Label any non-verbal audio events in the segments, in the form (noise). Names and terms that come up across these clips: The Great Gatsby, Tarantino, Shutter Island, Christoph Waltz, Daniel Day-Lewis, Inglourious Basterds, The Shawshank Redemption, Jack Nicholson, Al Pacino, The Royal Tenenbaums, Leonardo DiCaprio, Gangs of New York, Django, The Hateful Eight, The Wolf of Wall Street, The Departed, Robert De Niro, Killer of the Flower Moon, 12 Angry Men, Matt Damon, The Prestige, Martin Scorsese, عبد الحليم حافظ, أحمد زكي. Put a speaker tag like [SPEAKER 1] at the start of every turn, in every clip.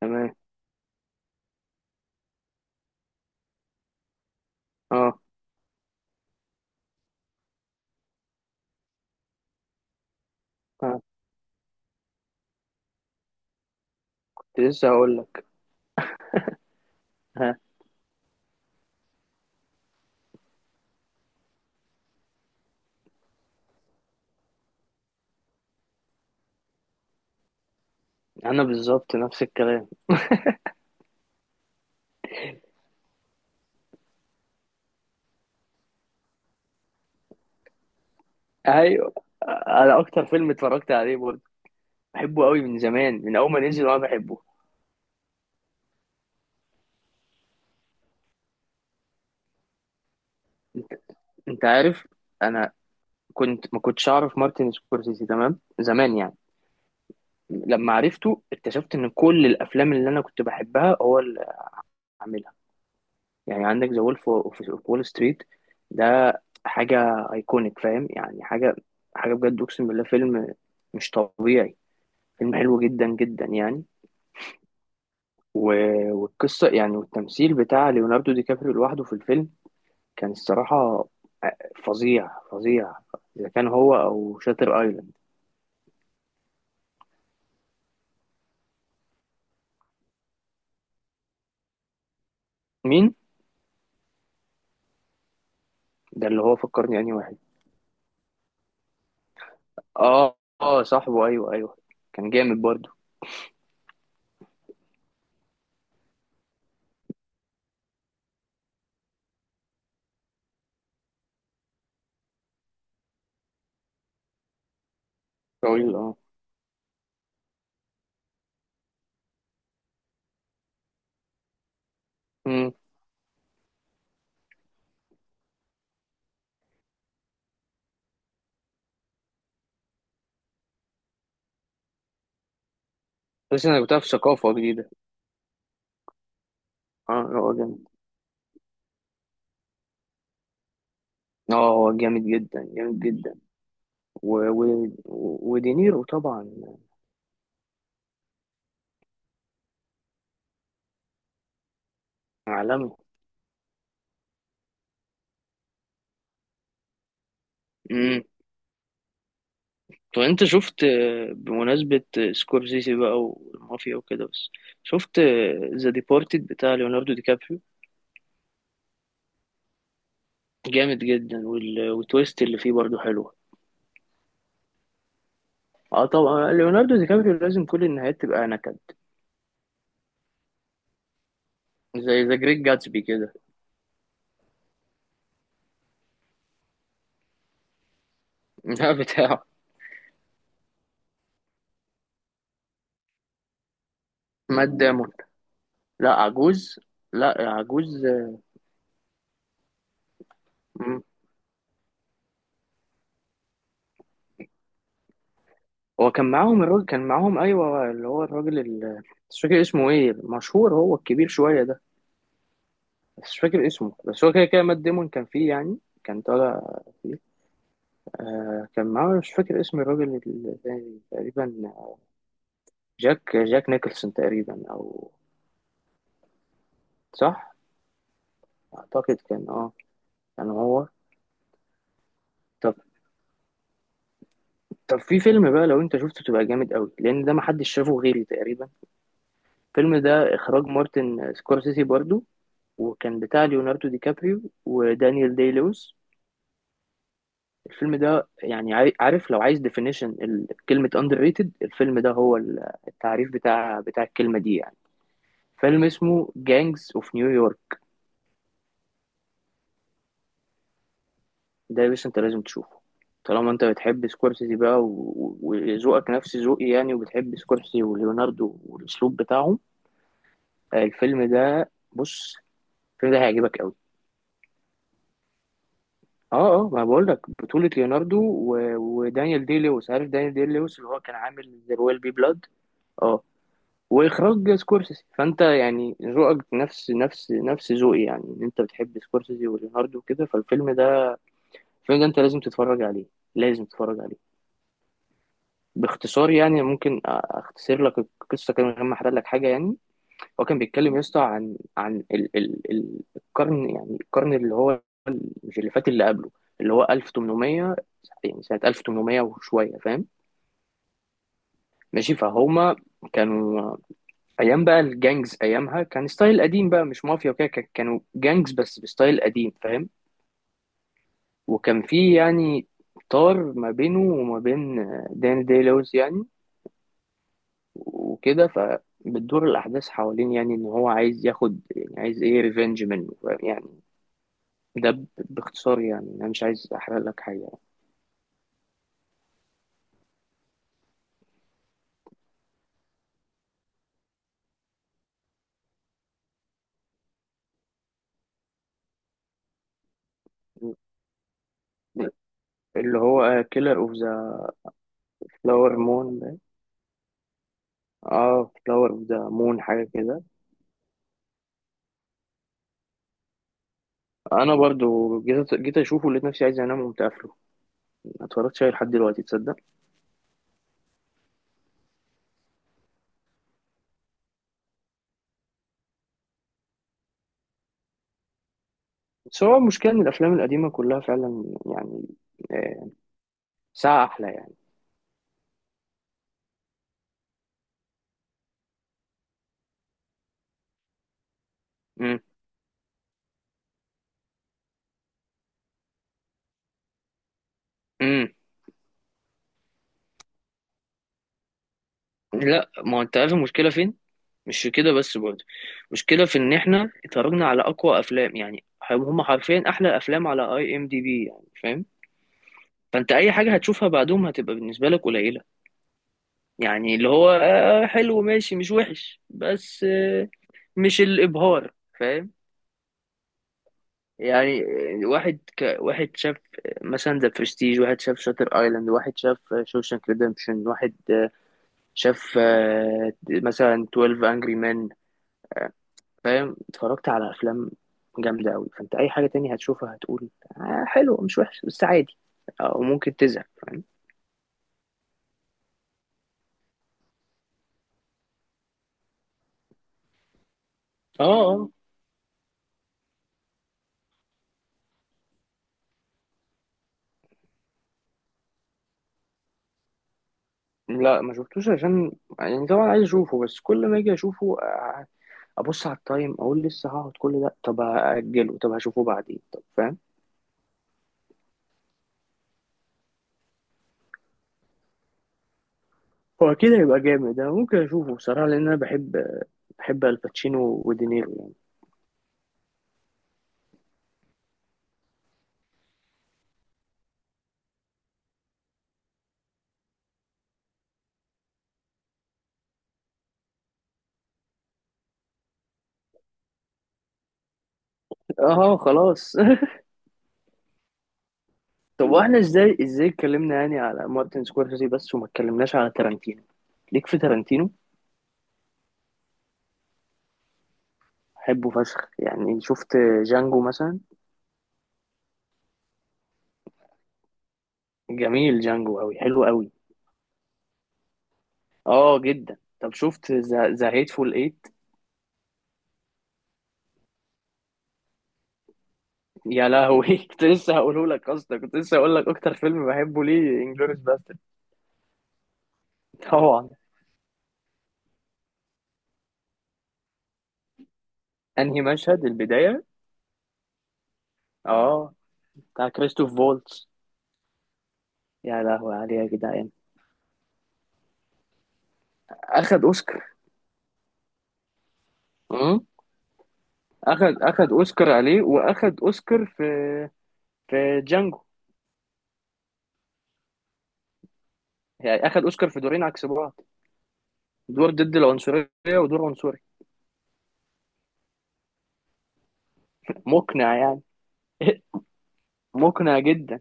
[SPEAKER 1] تمام. اه. آه. كنت لسه هقول لك. ها. انا بالظبط نفس الكلام. ايوه، انا اكتر فيلم اتفرجت عليه برضه، بحبه قوي من زمان، من اول ما نزل وانا بحبه. انت انت عارف، انا كنت ما كنتش اعرف مارتن سكورسيزي تمام زمان يعني. لما عرفته اكتشفت ان كل الافلام اللي انا كنت بحبها هو اللي عاملها. يعني عندك ذا وولف اوف وول ستريت ده، حاجه ايكونيك، فاهم يعني، حاجه حاجه بجد اقسم بالله، فيلم مش طبيعي، فيلم حلو جدا جدا يعني. والقصة يعني، والتمثيل بتاع ليوناردو دي كابريو لوحده في الفيلم كان الصراحة آه، فظيع فظيع. إذا كان هو أو شاتر أيلاند. مين؟ ده اللي هو فكرني أنهي واحد. آه، آه، صاحبه، أيوه، أيوه، كان جامد برضه. طويل، آه. مم. بس أنا كنت في ثقافة جديدة. آه لا، هو جامد. آه، هو جامد جدا جامد جدا. و... و... ودينيرو طبعا، عالمي. طب انت شفت، بمناسبة سكورسيزي بقى والمافيا وكده، بس شفت ذا ديبارتد بتاع ليوناردو دي كابريو؟ جامد جدا، والتويست اللي فيه برضو حلوة. اه طبعا ليوناردو دي كابريو لازم كل النهايات تبقى نكد، زي ذا جريت جاتسبي كده. (laughs) ده بتاعه. مات دامون. لا عجوز، لا عجوز. مم. هو كان معاهم الراجل، كان معاهم، ايوه، اللي هو الراجل مش فاكر اسمه ايه، مشهور، هو الكبير شوية ده. مش فاكر اسمه، بس هو كده كده مات ديمون كان فيه يعني، كان طالع فيه. آه كان معاه، مش فاكر اسم الراجل التاني تقريبا، جاك نيكلسون تقريبا او. صح. اعتقد كان، هو. طب طب في فيلم بقى، لو انت شفته تبقى جامد قوي، لان ده محدش شافه غيري تقريبا. الفيلم ده اخراج مارتن سكورسيزي برضو، وكان بتاع ليوناردو دي كابريو ودانيال داي لويس. الفيلم ده يعني، عارف، لو عايز ديفينيشن كلمة underrated، الفيلم ده هو التعريف بتاع الكلمة دي يعني. فيلم اسمه جانجز اوف نيويورك. ده يا باشا انت لازم تشوفه. طالما انت بتحب سكورسيزي بقى، وذوقك نفس ذوقي يعني، وبتحب سكورسيزي وليوناردو والاسلوب بتاعهم، الفيلم ده بص، الفيلم ده هيعجبك قوي. اه اه، ما بقول لك، بطولة ليوناردو ودانيال دي لويس. عارف دانيال دي لويس اللي هو كان عامل ذا رويال بي بلاد. اه. واخراج سكورسيزي، فانت يعني ذوقك نفس نفس نفس ذوقي يعني، ان انت بتحب سكورسيزي وليوناردو وكده، فالفيلم ده، الفيلم ده انت لازم تتفرج عليه، لازم تتفرج عليه. باختصار يعني، ممكن اختصر لك القصه كده من غير ما احرق لك حاجه يعني. هو كان بيتكلم يا اسطى، عن عن ال ال ال القرن، يعني القرن اللي هو مش اللي فات، اللي قبله، اللي هو 1800، يعني سنه 1800 وشويه، فاهم. ماشي فهما. كانوا ايام بقى الجانجز، ايامها كان ستايل قديم بقى، مش مافيا وكده، كانوا جانجز بس بستايل قديم فاهم. وكان في يعني طار ما بينه وما بين داني دي لويس يعني، وكده فبتدور الاحداث حوالين، يعني ان هو عايز ياخد، يعني عايز ايه، ريفنج منه، فاهم؟ يعني ده باختصار يعني، انا مش عايز احرق لك حاجه يعني. اللي هو كيلر اوف ذا فلاور مون ده. اه، فلاور اوف ذا مون حاجه كده. انا برضو جيت اشوفه، لقيت نفسي عايز انام وقمت قافله، ما اتفرجتش عليه لحد دلوقتي تصدق. بس هو المشكلة إن الأفلام القديمة كلها فعلا يعني، آه، ساعة أحلى يعني. امم. امم. لا، ما هو انت عارف المشكله فين، مش كده بس برضه، المشكله في ان احنا اتفرجنا على اقوى افلام يعني، هم حرفيا احلى افلام على IMDB يعني فاهم. فانت اي حاجه هتشوفها بعدهم هتبقى بالنسبه لك قليله، يعني اللي هو، حلو ماشي مش وحش، بس مش الابهار، فاهم. يعني واحد شاف مثلا ذا برستيج، واحد شاف شاتر ايلاند، واحد شاف شوشانك ريدمبشن، واحد شاف مثلا 12 انجري مان، فاهم. اتفرجت على افلام جامده قوي، فانت اي حاجه تانية هتشوفها هتقول آه حلو، مش وحش بس عادي، او ممكن تزهق، فاهم. اه. آه. لا ما شفتوش، عشان يعني طبعا عايز اشوفه، بس كل ما اجي اشوفه ابص على التايم، اقول لسه هقعد كل ده، طب هاجله، طب هشوفه بعدين، طب فاهم. هو أكيد هيبقى جامد، أنا ممكن أشوفه بصراحة، لأن أنا بحب الباتشينو ودينيرو يعني. أه خلاص. (laughs) طب وإحنا إزاي اتكلمنا يعني على مارتن سكورسيزي بس، وما اتكلمناش على تارانتينو؟ ليك في تارانتينو؟ بحبه فشخ، يعني شفت جانجو مثلا. جميل، جانجو أوي، حلو أوي. أه جدا. طب شفت ذا هيتفول إيت؟ يا لهوي. (laughs) كنت لسه هقول لك أكتر فيلم بحبه ليه انجلوريس باسترد. طبعا. أنهي مشهد، البداية. أه، بتاع كريستوف فولتس. يا لهوي عليه يا جدعان. اخد اوسكار. امم. اخد اوسكار عليه، واخد اوسكار في جانجو، يعني اخد اوسكار في دورين عكس بعض: دور ضد العنصريه، ودور عنصري. مقنع يعني. (laughs) مقنع جدا.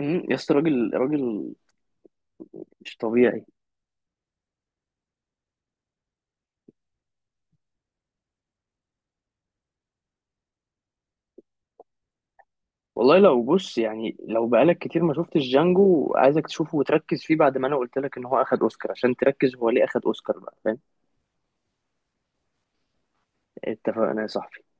[SPEAKER 1] يا اسطى، راجل راجل مش طبيعي. والله لو بص يعني، لو بقالك كتير ما شفتش جانجو، عايزك تشوفه وتركز فيه، بعد ما انا قلت لك ان هو اخد اوسكار، عشان تركز هو ليه اخد اوسكار بقى، فاهم. اتفقنا يا صاحبي.